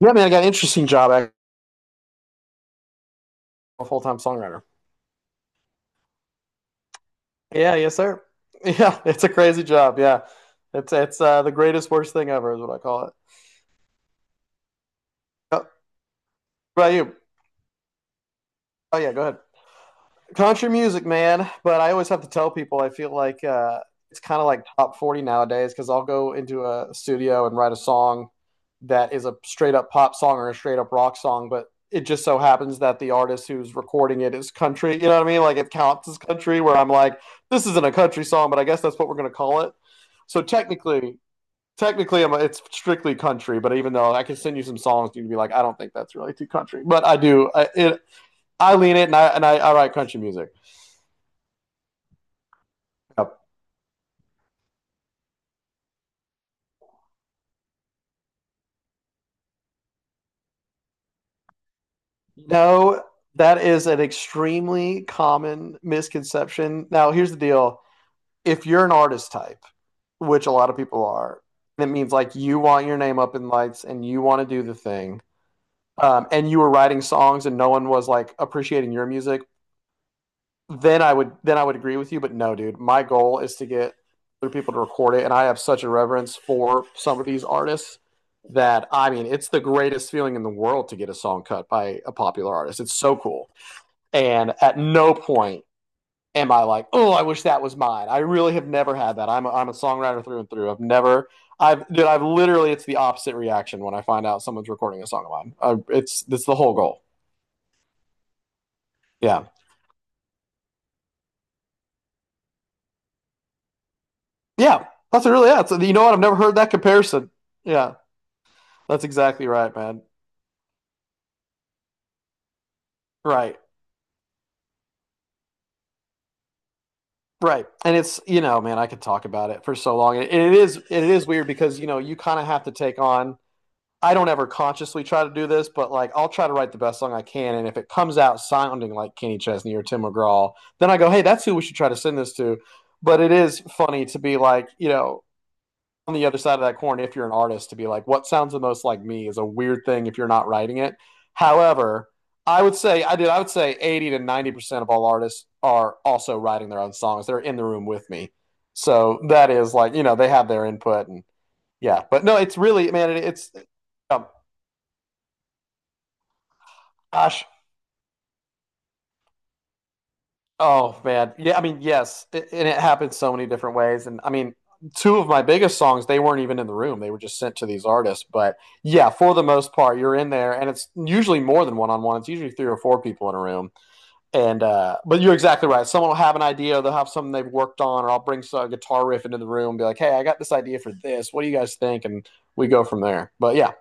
Yeah, man, I got an interesting job. I'm a full time songwriter. Yeah, yes, sir. Yeah, it's a crazy job. Yeah, it's the greatest worst thing ever is what I call it. Yep. What about you? Oh yeah, go ahead. Country music, man. But I always have to tell people I feel like it's kind of like top 40 nowadays because I'll go into a studio and write a song that is a straight up pop song or a straight up rock song, but it just so happens that the artist who's recording it is country. You know what I mean? Like it counts as country. Where I'm like, this isn't a country song, but I guess that's what we're gonna call it. So technically, it's strictly country. But even though I can send you some songs, you'd be like, I don't think that's really too country. But I do. I lean it, and I write country music. Yep. No, that is an extremely common misconception. Now, here's the deal. If you're an artist type, which a lot of people are, it means like you want your name up in lights and you want to do the thing. And you were writing songs and no one was like appreciating your music, then I would agree with you. But no, dude, my goal is to get other people to record it. And I have such a reverence for some of these artists that I mean it's the greatest feeling in the world to get a song cut by a popular artist. It's so cool. And at no point am I like, oh, I wish that was mine. I really have never had that. I'm a songwriter through and through. I've never, I've, dude, it's the opposite reaction when I find out someone's recording a song of mine. It's the whole goal. Yeah. Yeah. That's really, yeah. So you know what? I've never heard that comparison. Yeah. That's exactly right, man. Right. Right. And it's, you know, man, I could talk about it for so long. And it is weird because, you know, you kind of have to take on. I don't ever consciously try to do this, but like I'll try to write the best song I can, and if it comes out sounding like Kenny Chesney or Tim McGraw, then I go, "Hey, that's who we should try to send this to." But it is funny to be like, you know, on the other side of that corn, if you're an artist, to be like, "What sounds the most like me?" is a weird thing if you're not writing it. However, I would say I did. I would say 80% to 90% of all artists are also writing their own songs. They're in the room with me, so that is like you know they have their input and yeah. But no, it's really, man, it's um, gosh. Oh, man. Yeah, I mean, yes, and it happened so many different ways. And I mean, two of my biggest songs, they weren't even in the room. They were just sent to these artists. But yeah, for the most part, you're in there and it's usually more than one on one. It's usually three or four people in a room. And but you're exactly right. Someone will have an idea, they'll have something they've worked on, or I'll bring a guitar riff into the room and be like, "Hey, I got this idea for this. What do you guys think?" And we go from there. But yeah,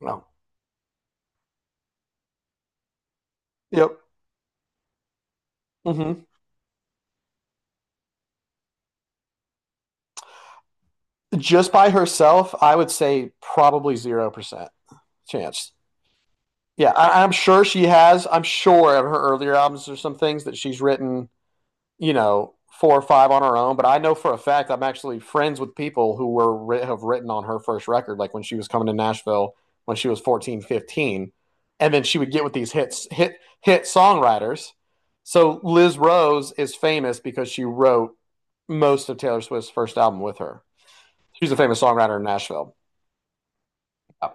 no. Yep. Hmm. Just by herself, I would say probably 0% chance. Yeah, I'm sure she has. I'm sure of her earlier albums, there's some things that she's written, you know, four or five on her own. But I know for a fact I'm actually friends with people who were have written on her first record, like when she was coming to Nashville when she was 14, 15. And then she would get with these hit songwriters. So Liz Rose is famous because she wrote most of Taylor Swift's first album with her. She's a famous songwriter in Nashville. Yeah.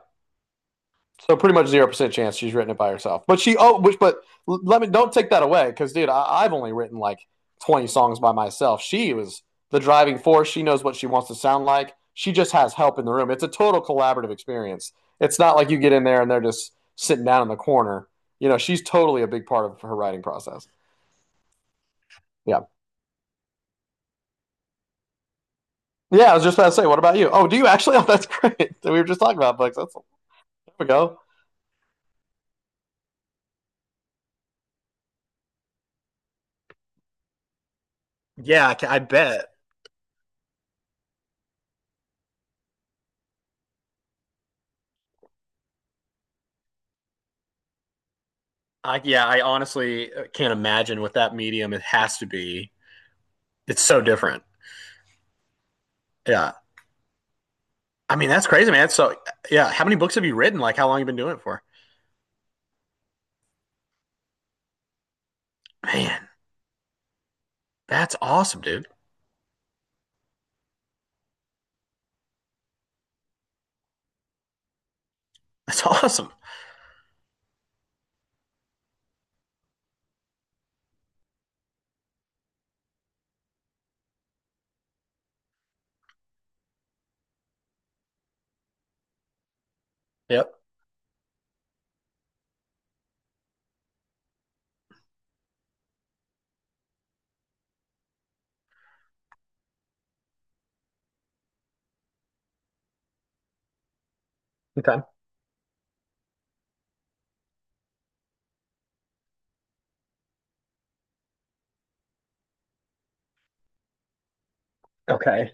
So pretty much 0% chance she's written it by herself. But she oh, which but let me don't take that away because, dude, I've only written like 20 songs by myself. She was the driving force. She knows what she wants to sound like. She just has help in the room. It's a total collaborative experience. It's not like you get in there and they're just sitting down in the corner. You know, she's totally a big part of her writing process. Yeah. Yeah, I was just about to say, what about you? Oh, do you actually? Oh, that's great. We were just talking about books. That's there we go. Yeah, I bet. I honestly can't imagine what that medium it has to be. It's so different. Yeah. I mean, that's crazy, man. So, yeah. How many books have you written? Like, how long have you been doing it for? Man, that's awesome, dude. That's awesome. Yep. Okay. Okay.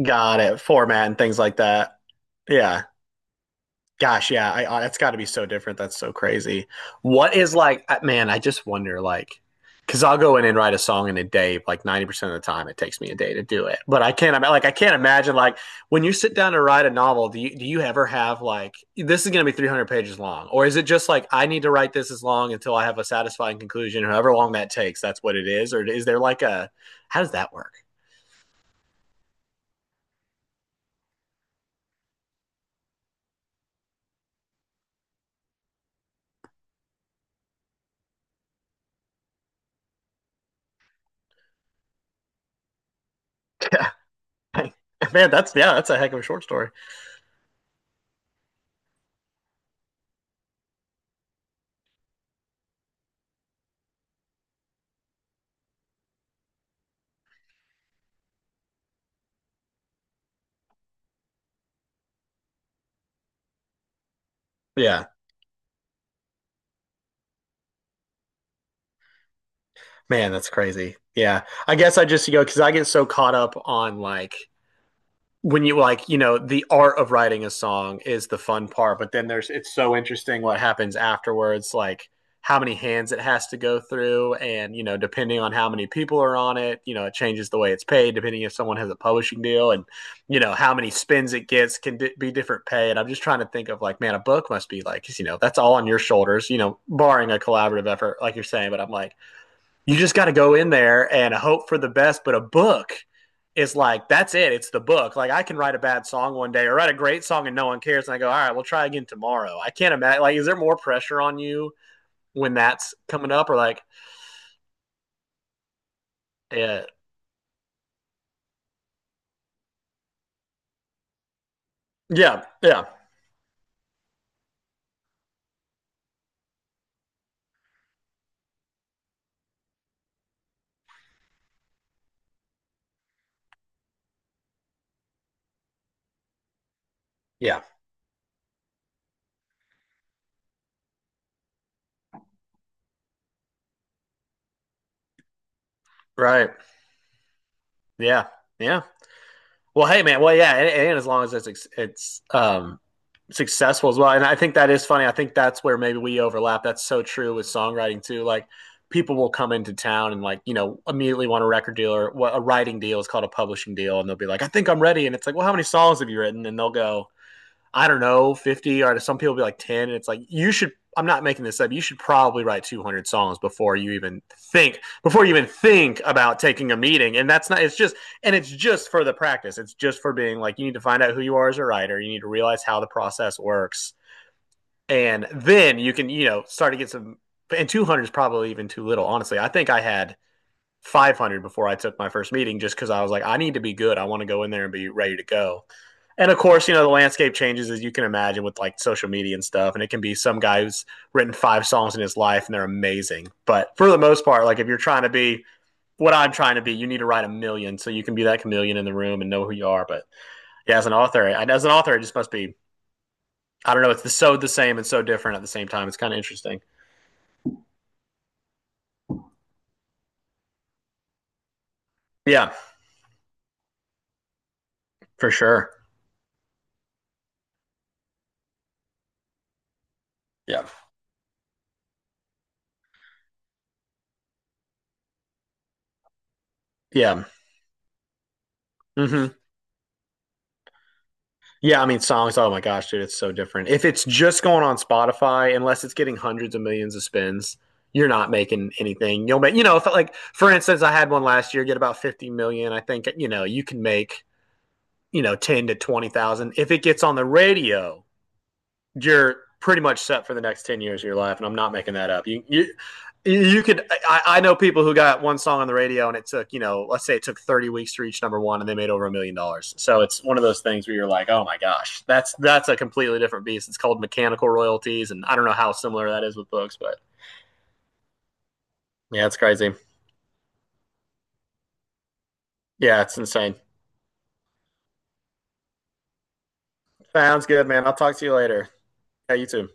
Got it. Format and things like that. Yeah. Gosh, yeah, that's got to be so different. That's so crazy. What is like, man? I just wonder, like, because I'll go in and write a song in a day. Like 90% of the time, it takes me a day to do it. But I can't, ima- like, I can't imagine, like, when you sit down to write a novel, do you ever have like, this is going to be 300 pages long, or is it just like, I need to write this as long until I have a satisfying conclusion, however long that takes, that's what it is, or is there like a, how does that work? Yeah. Man, that's, yeah, that's a heck of a short story. Yeah. Man, that's crazy. Yeah. I guess I just, you know, because I get so caught up on like when you like you know the art of writing a song is the fun part, but then there's it's so interesting what happens afterwards, like how many hands it has to go through, and you know depending on how many people are on it, you know it changes the way it's paid, depending if someone has a publishing deal, and you know how many spins it gets can be different pay. And I'm just trying to think of like, man, a book must be like, you know, that's all on your shoulders, you know, barring a collaborative effort like you're saying. But I'm like, you just got to go in there and hope for the best. But a book is like, that's it. It's the book. Like, I can write a bad song one day or write a great song and no one cares. And I go, all right, we'll try again tomorrow. I can't imagine. Like, is there more pressure on you when that's coming up or like, yeah, yeah, yeah, yeah. Right. Yeah, yeah. Well, hey, man. Well, yeah, and as long as it's successful as well, and I think that is funny. I think that's where maybe we overlap. That's so true with songwriting too. Like people will come into town and like you know immediately want a record deal or, well, a writing deal is called a publishing deal, and they'll be like, "I think I'm ready," and it's like, "Well, how many songs have you written?" And they'll go, I don't know, 50, or some people be like 10. And it's like, you should, I'm not making this up. You should probably write 200 songs before you even think about taking a meeting. And that's not, it's just, and it's just for the practice. It's just for being like, you need to find out who you are as a writer. You need to realize how the process works. And then you can, you know, start to get some, and 200 is probably even too little. Honestly, I think I had 500 before I took my first meeting just because I was like, I need to be good. I want to go in there and be ready to go. And of course, you know, the landscape changes as you can imagine with like social media and stuff. And it can be some guy who's written five songs in his life and they're amazing. But for the most part, like if you're trying to be what I'm trying to be, you need to write a million so you can be that chameleon in the room and know who you are. But yeah, as an author, it just must be, I don't know, it's so the same and so different at the same time. It's kind of interesting. Yeah, for sure. Yeah. Yeah. Mm-hmm. Yeah, I mean songs. Oh my gosh, dude, it's so different. If it's just going on Spotify, unless it's getting hundreds of millions of spins, you're not making anything. You'll make, you know, if like for instance, I had one last year get about 50 million. I think you know you can make, you know, ten to twenty thousand if it gets on the radio. You're pretty much set for the next 10 years of your life, and I'm not making that up. I know people who got one song on the radio, and it took, you know, let's say it took 30 weeks to reach number one, and they made over $1 million. So it's one of those things where you're like, oh my gosh, that's a completely different beast. It's called mechanical royalties, and I don't know how similar that is with books. But yeah, it's crazy. Yeah, it's insane. Sounds good, man. I'll talk to you later. Yeah, you too.